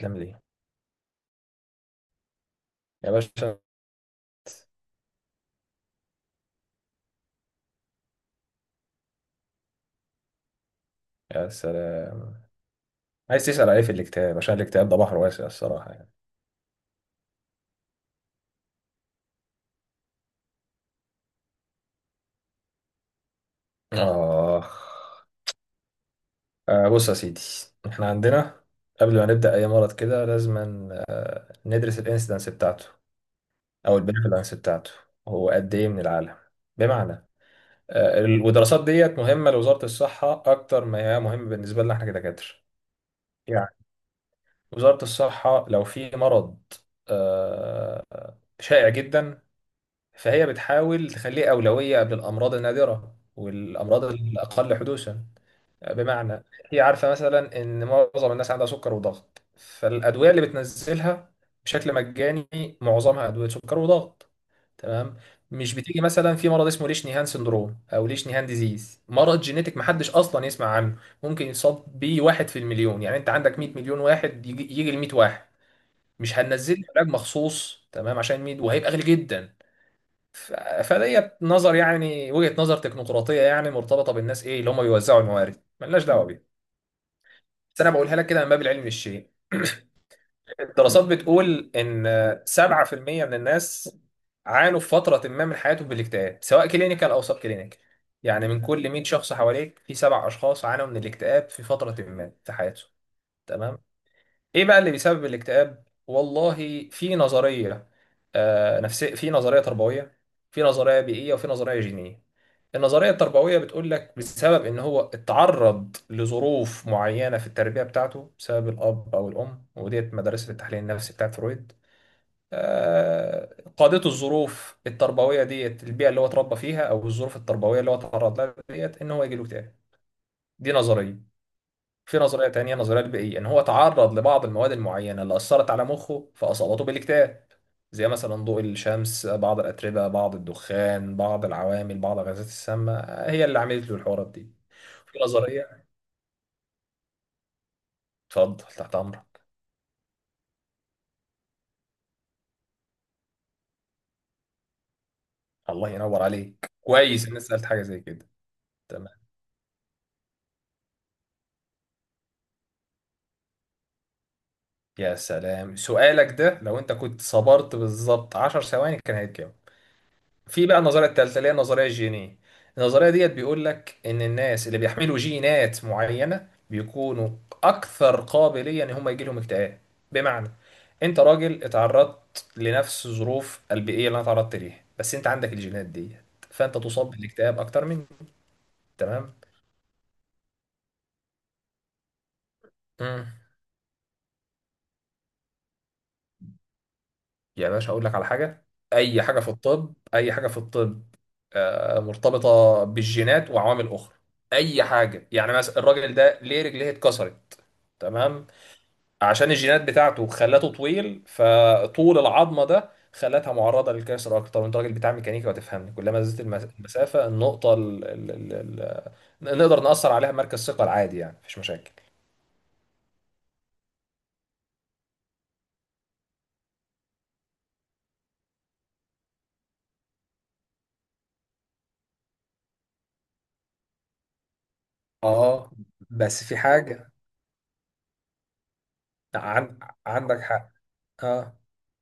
الافلام دي يا باشا. يا سلام، عايز تسأل عليه في الاكتئاب عشان الاكتئاب ده بحر واسع الصراحة يعني. اه، آه. بص يا سيدي، احنا عندنا، قبل ما نبدأ أي مرض كده لازم ندرس الانسيدنس بتاعته أو البريفالنس بتاعته، هو قد إيه من العالم؟ بمعنى، والدراسات ديت مهمة لوزارة الصحة أكتر ما هي مهمة بالنسبة لنا احنا كدكاترة. يعني وزارة الصحة لو في مرض آه شائع جدا، فهي بتحاول تخليه أولوية قبل الأمراض النادرة والأمراض الأقل حدوثا. بمعنى، هي عارفة مثلا إن معظم الناس عندها سكر وضغط، فالأدوية اللي بتنزلها بشكل مجاني معظمها أدوية سكر وضغط. تمام. مش بتيجي مثلا في مرض اسمه ليش نيهان سندروم أو ليش نيهان ديزيز، مرض جينيتك محدش أصلا يسمع عنه، ممكن يصاب بيه واحد في المليون. يعني أنت عندك 100 مليون واحد، يجي ل 100 واحد، مش هننزل لك علاج مخصوص تمام عشان 100 وهيبقى غالي جدا. ف- فديت نظر يعني وجهة نظر تكنوقراطية، يعني مرتبطة بالناس ايه اللي هم بيوزعوا الموارد، ملناش دعوة بيها. بس انا بقولها لك كده من باب العلم الشيء. الدراسات بتقول ان 7% من الناس عانوا في فترة ما من حياتهم بالاكتئاب، سواء كلينيكال او سب كلينيكال. يعني من كل 100 شخص حواليك في سبع اشخاص عانوا من الاكتئاب في فترة ما في حياتهم. تمام. ايه بقى اللي بيسبب الاكتئاب؟ والله في نظريه نفسيه، في نظريه تربويه، في نظريه بيئيه، وفي نظريه جينيه. النظريه التربويه بتقول لك بسبب ان هو اتعرض لظروف معينه في التربيه بتاعته، بسبب الاب او الام، وديت مدرسه التحليل النفسي بتاعت فرويد. قادته الظروف التربويه ديت، البيئه اللي هو اتربى فيها او الظروف التربويه اللي هو اتعرض لها ديت، ان هو يجي له اكتئاب. دي نظريه. في نظرية تانية، نظرية البيئية، إن هو تعرض لبعض المواد المعينة اللي أثرت على مخه فأصابته بالاكتئاب، زي مثلا ضوء الشمس، بعض الأتربة، بعض الدخان، بعض العوامل، بعض الغازات السامة، هي اللي عملت له الحوارات دي. في نظرية. اتفضل تحت أمرك. الله ينور عليك، كويس إن أنت سألت حاجة زي كده. تمام. يا سلام، سؤالك ده لو أنت كنت صبرت بالظبط 10 ثواني كان هيتجاوب. في بقى النظريه الثالثه اللي هي النظريه الجينيه. النظريه ديت بيقول لك ان الناس اللي بيحملوا جينات معينه بيكونوا اكثر قابليه ان هم يجي لهم اكتئاب. بمعنى، انت راجل اتعرضت لنفس الظروف البيئيه اللي انا اتعرضت ليها، بس انت عندك الجينات ديت، فانت تصاب بالاكتئاب اكتر مني. تمام. امم يا باشا، اقول لك على حاجه. اي حاجه في الطب، اي حاجه في الطب مرتبطه بالجينات وعوامل اخرى. اي حاجه، يعني مثلا الراجل ده ليه رجليه اتكسرت؟ تمام. عشان الجينات بتاعته خلته طويل، فطول العظمه ده خلتها معرضه للكسر اكتر. انت راجل بتاع ميكانيكا وتفهمني، كلما زادت المسافه، النقطه ال ال ال ال نقدر نأثر عليها، مركز ثقل عادي يعني مفيش مشاكل. اه، بس في حاجه. عن عندك حق. اه،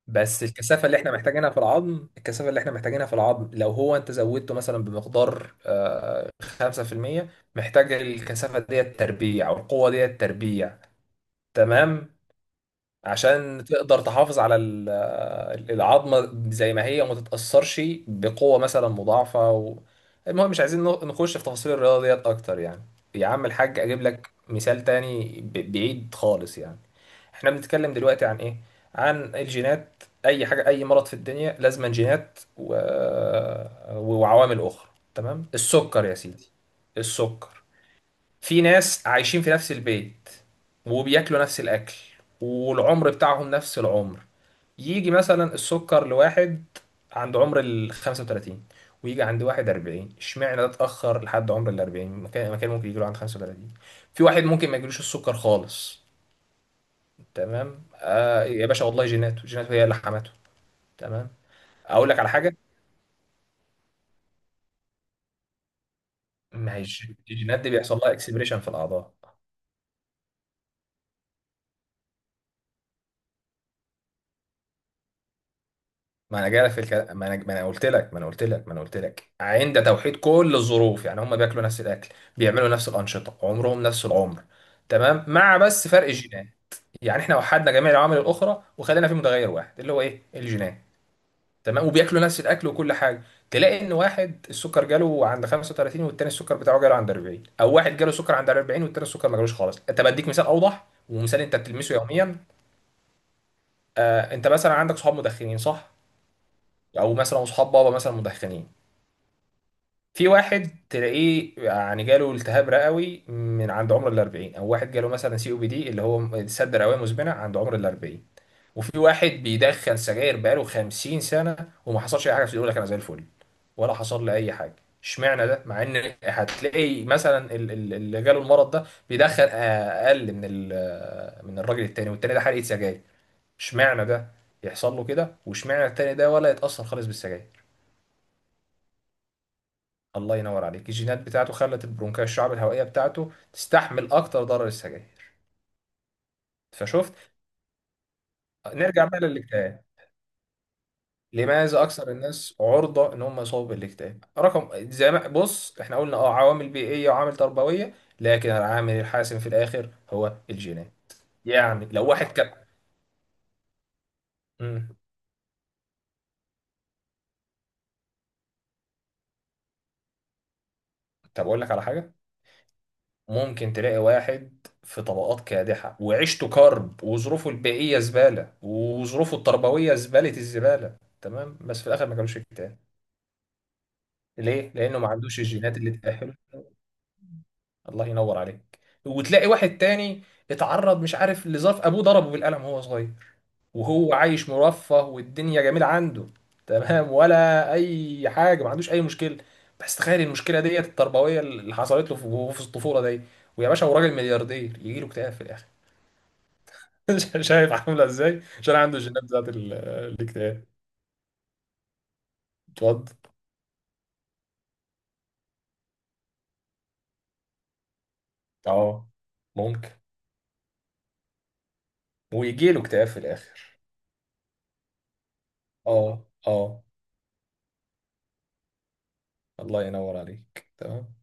بس الكثافه اللي احنا محتاجينها في العظم، الكثافه اللي احنا محتاجينها في العظم لو هو انت زودته مثلا بمقدار 5%، محتاج الكثافه ديت تربيع او القوه ديت تربيع. تمام. عشان تقدر تحافظ على العظمة زي ما هي وما تتأثرش بقوة مثلا مضاعفة و... المهم مش عايزين نخش في تفاصيل الرياضة ديت أكتر يعني. يا عم الحاج، أجيب لك مثال تاني بعيد خالص يعني. احنا بنتكلم دلوقتي عن إيه؟ عن الجينات. أي حاجة، أي مرض في الدنيا لازم جينات و... وعوامل أخرى. تمام؟ السكر يا سيدي. السكر، في ناس عايشين في نفس البيت وبياكلوا نفس الاكل والعمر بتاعهم نفس العمر، يجي مثلا السكر لواحد عند عمر ال 35، ويجي عند واحد 40. اشمعنى ده اتاخر لحد عمر ال 40؟ مكان ممكن يجي له عند 35. في واحد ممكن ما يجيلوش السكر خالص. تمام. آه يا باشا، والله جيناته جيناته هي اللي حمته. تمام. اقول لك على حاجه. ما هي الجينات دي بيحصل لها اكسبريشن في الاعضاء. ما انا جاي في الكلام، ما انا قلت لك عند توحيد كل الظروف، يعني هم بياكلوا نفس الاكل، بيعملوا نفس الانشطه، عمرهم نفس العمر. تمام، مع بس فرق الجينات. يعني احنا وحدنا جميع العوامل الاخرى وخلينا في متغير واحد اللي هو ايه، الجينات. تمام. وبياكلوا نفس الاكل وكل حاجه، تلاقي ان واحد السكر جاله عند 35 والتاني السكر بتاعه جاله عند 40، او واحد جاله سكر عند 40 والتاني السكر ما جالوش خالص. طب اديك مثال اوضح، ومثال انت بتلمسه يوميا. آه، انت مثلا عندك صحاب مدخنين صح؟ او مثلا صحاب بابا مثلا مدخنين. في واحد تلاقيه يعني جاله التهاب رئوي من عند عمر ال 40، او واحد جاله مثلا سي او بي دي اللي هو سد رئويه مزمنه عند عمر ال 40. وفي واحد بيدخن سجاير بقاله 50 سنه وما حصلش اي حاجه، بس يقول لك انا زي الفل، ولا حصل لي اي حاجه. اشمعنى ده؟ مع ان هتلاقي مثلا اللي جاله المرض ده بيدخن اقل من من الراجل التاني، والتاني ده حرقه سجاير. اشمعنى ده يحصل له كده واشمعنى التاني ده ولا يتاثر خالص بالسجاير؟ الله ينور عليك. الجينات بتاعته خلت البرونكاية، الشعب الهوائية بتاعته، تستحمل أكتر ضرر السجاير. فشفت. نرجع بقى للاكتئاب. لماذا أكثر الناس عرضة إن هم يصابوا بالاكتئاب؟ رقم زي ما بص، إحنا قلنا عوامل بيئية وعوامل تربوية، لكن العامل الحاسم في الآخر هو الجينات. يعني لو واحد كان. مم. طب أقول لك على حاجة. ممكن تلاقي واحد في طبقات كادحة وعيشته كرب وظروفه البيئية زبالة وظروفه التربوية زبالة الزبالة، تمام، بس في الآخر ما جالوش اكتئاب. ليه؟ لأنه ما عندوش الجينات اللي تأهله. الله ينور عليك. وتلاقي واحد تاني اتعرض مش عارف لظرف، أبوه ضربه بالقلم وهو صغير، وهو عايش مرفه والدنيا جميلة عنده، تمام ولا أي حاجة ما عندوش أي مشكلة، بس تخيل المشكلة ديت التربوية اللي حصلت له في وهو في الطفولة دي، ويا باشا هو راجل ملياردير يجي له اكتئاب في الآخر. شايف عاملة إزاي؟ عشان عنده الجينات بتاعت الاكتئاب. اتفضل. اه ممكن. ويجي له اكتئاب في الآخر. اه، اه. الله ينور عليك تمام.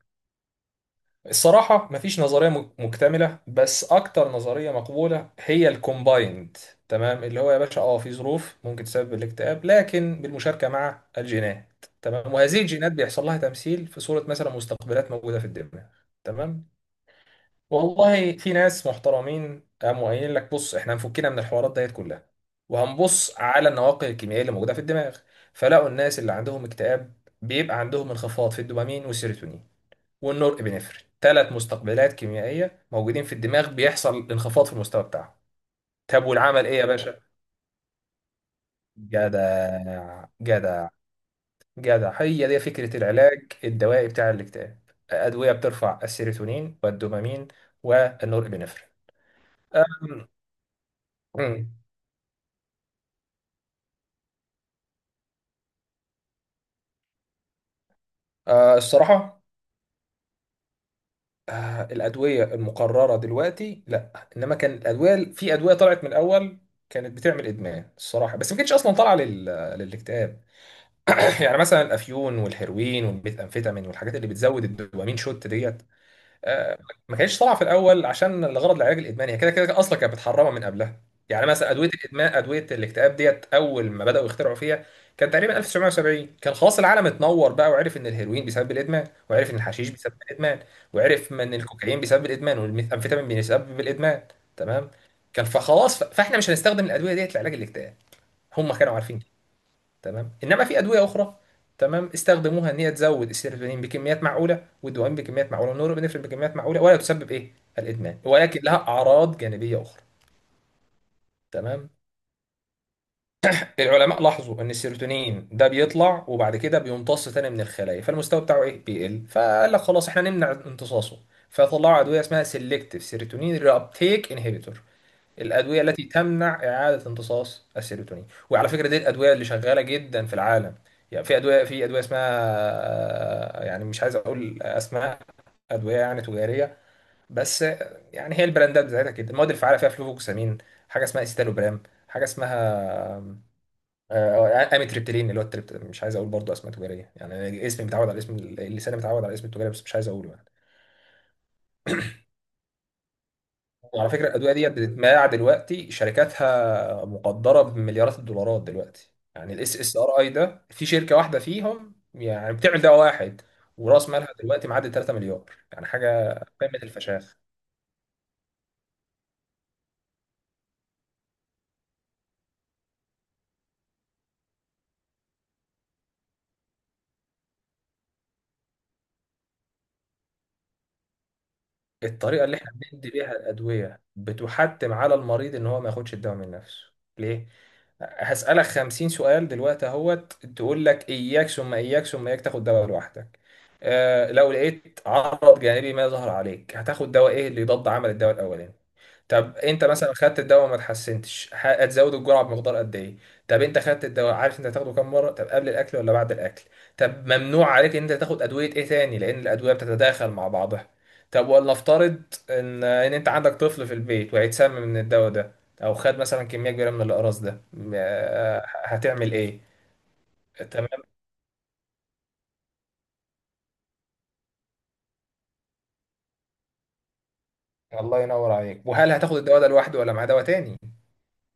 الصراحة مفيش نظرية مكتملة، بس أكتر نظرية مقبولة هي الكومبايند. تمام. اللي هو يا باشا اه، في ظروف ممكن تسبب الاكتئاب لكن بالمشاركة مع الجينات. تمام. وهذه الجينات بيحصل لها تمثيل في صورة مثلا مستقبلات موجودة في الدماغ. تمام. والله في ناس محترمين قاموا قايلين لك بص، احنا هنفكنا من الحوارات ديت كلها وهنبص على النواقل الكيميائية اللي موجودة في الدماغ، فلقوا الناس اللي عندهم اكتئاب بيبقى عندهم انخفاض في الدوبامين والسيروتونين والنورابinefrine. ثلاث مستقبلات كيميائيه موجودين في الدماغ بيحصل انخفاض في المستوى بتاعهم. طب والعمل ايه يا باشا؟ جدع جدع. جدع، هي دي فكره العلاج الدوائي بتاع الاكتئاب. ادويه بترفع السيروتونين والدوبامين والنورابinefrine. أم- أم. أه الصراحه. أه الادويه المقرره دلوقتي لا، انما كان الادويه، في ادويه طلعت من الاول كانت بتعمل ادمان الصراحه، بس ما كانتش اصلا طالعه لل... للاكتئاب. يعني مثلا الافيون والهيروين والميثامفيتامين والحاجات اللي بتزود الدوبامين شوت ديت. آه، ما كانتش طالعه في الاول عشان الغرض العلاج الادماني، هي كده كده اصلا كانت متحرمه من قبلها. يعني مثلا ادويه الادمان، ادويه الاكتئاب ديت اول ما بداوا يخترعوا فيها كان تقريبا 1970، كان خلاص العالم اتنور بقى وعرف ان الهيروين بيسبب الادمان، وعرف ان الحشيش بيسبب الادمان، وعرف ان الكوكايين بيسبب الادمان والميثامفيتامين بيسبب الادمان. تمام. كان فخلاص فاحنا مش هنستخدم الادويه ديت لعلاج الاكتئاب، هم كانوا عارفين. تمام. انما في ادويه اخرى. تمام. استخدموها ان هي تزود السيروتونين بكميات معقوله، والدوبامين بكميات معقوله، والنورابينفرين بكميات معقوله، ولا تسبب ايه، الادمان، ولكن لها اعراض جانبيه اخرى. تمام. العلماء لاحظوا ان السيروتونين ده بيطلع وبعد كده بيمتص تاني من الخلايا، فالمستوى بتاعه ايه، بيقل. فقال لك خلاص احنا نمنع امتصاصه، فطلعوا ادويه اسمها سيلكتيف سيروتونين ري ابتيك انهيبيتور، الادويه التي تمنع اعاده امتصاص السيروتونين. وعلى فكره دي الادويه اللي شغاله جدا في العالم. يعني في ادويه اسمها يعني مش عايز اقول اسماء، ادويه يعني تجاريه، بس يعني هي البراندات بتاعتها كده. المواد الفعاله فيها فلوفوكسامين، حاجه اسمها استالوبرام، حاجه اسمها آه، اميتريبتيلين اللي هو التريبت. مش عايز اقول برضه اسماء تجاريه يعني، اسمي متعود على الاسم اللساني متعود على الاسم التجاري بس مش عايز اقوله يعني. وعلى فكرة الأدوية ديت بتتباع دلوقتي، شركاتها مقدرة بمليارات الدولارات دلوقتي. يعني الاس اس ار اي ده في شركة واحدة فيهم يعني بتعمل دواء واحد ورأس مالها دلوقتي معدي 3 مليار. يعني حاجة قمة الفشاخ. الطريقة اللي احنا بندي بيها الأدوية بتحتم على المريض إن هو ما ياخدش الدواء من نفسه. ليه؟ هسألك خمسين سؤال دلوقتي اهوت تقول لك إياك ثم إياك ثم إياك تاخد دواء لوحدك. آه، لو لقيت عرض جانبي ما ظهر عليك، هتاخد دواء إيه اللي يضاد عمل الدواء الأولاني؟ طب انت مثلا خدت الدواء وما اتحسنتش، هتزود الجرعه بمقدار قد ايه؟ طب انت خدت الدواء، عارف انت هتاخده كام مره؟ طب قبل الاكل ولا بعد الاكل؟ طب ممنوع عليك ان انت تاخد ادويه ايه تاني لان الادويه بتتداخل مع بعضها. طب ولنفترض ان انت عندك طفل في البيت وهيتسمم من الدواء ده، او خد مثلا كميه كبيره من الاقراص ده، هتعمل ايه؟ تمام. الله ينور عليك. وهل هتاخد الدواء ده لوحده ولا مع دواء تاني؟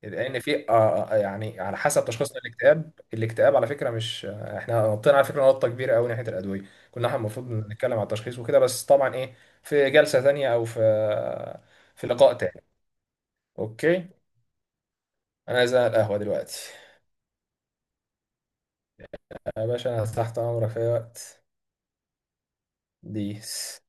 لان في يعني على حسب تشخيصنا، الاكتئاب، على فكره مش احنا نطينا على فكره نقطه كبيره قوي ناحيه الادويه. كنا احنا المفروض نتكلم على التشخيص وكده، بس طبعا ايه، في جلسه ثانيه او في لقاء تاني. اوكي. انا عايز أقعد على القهوه دلوقتي. يا باشا انا تحت امرك في اي وقت. بيس.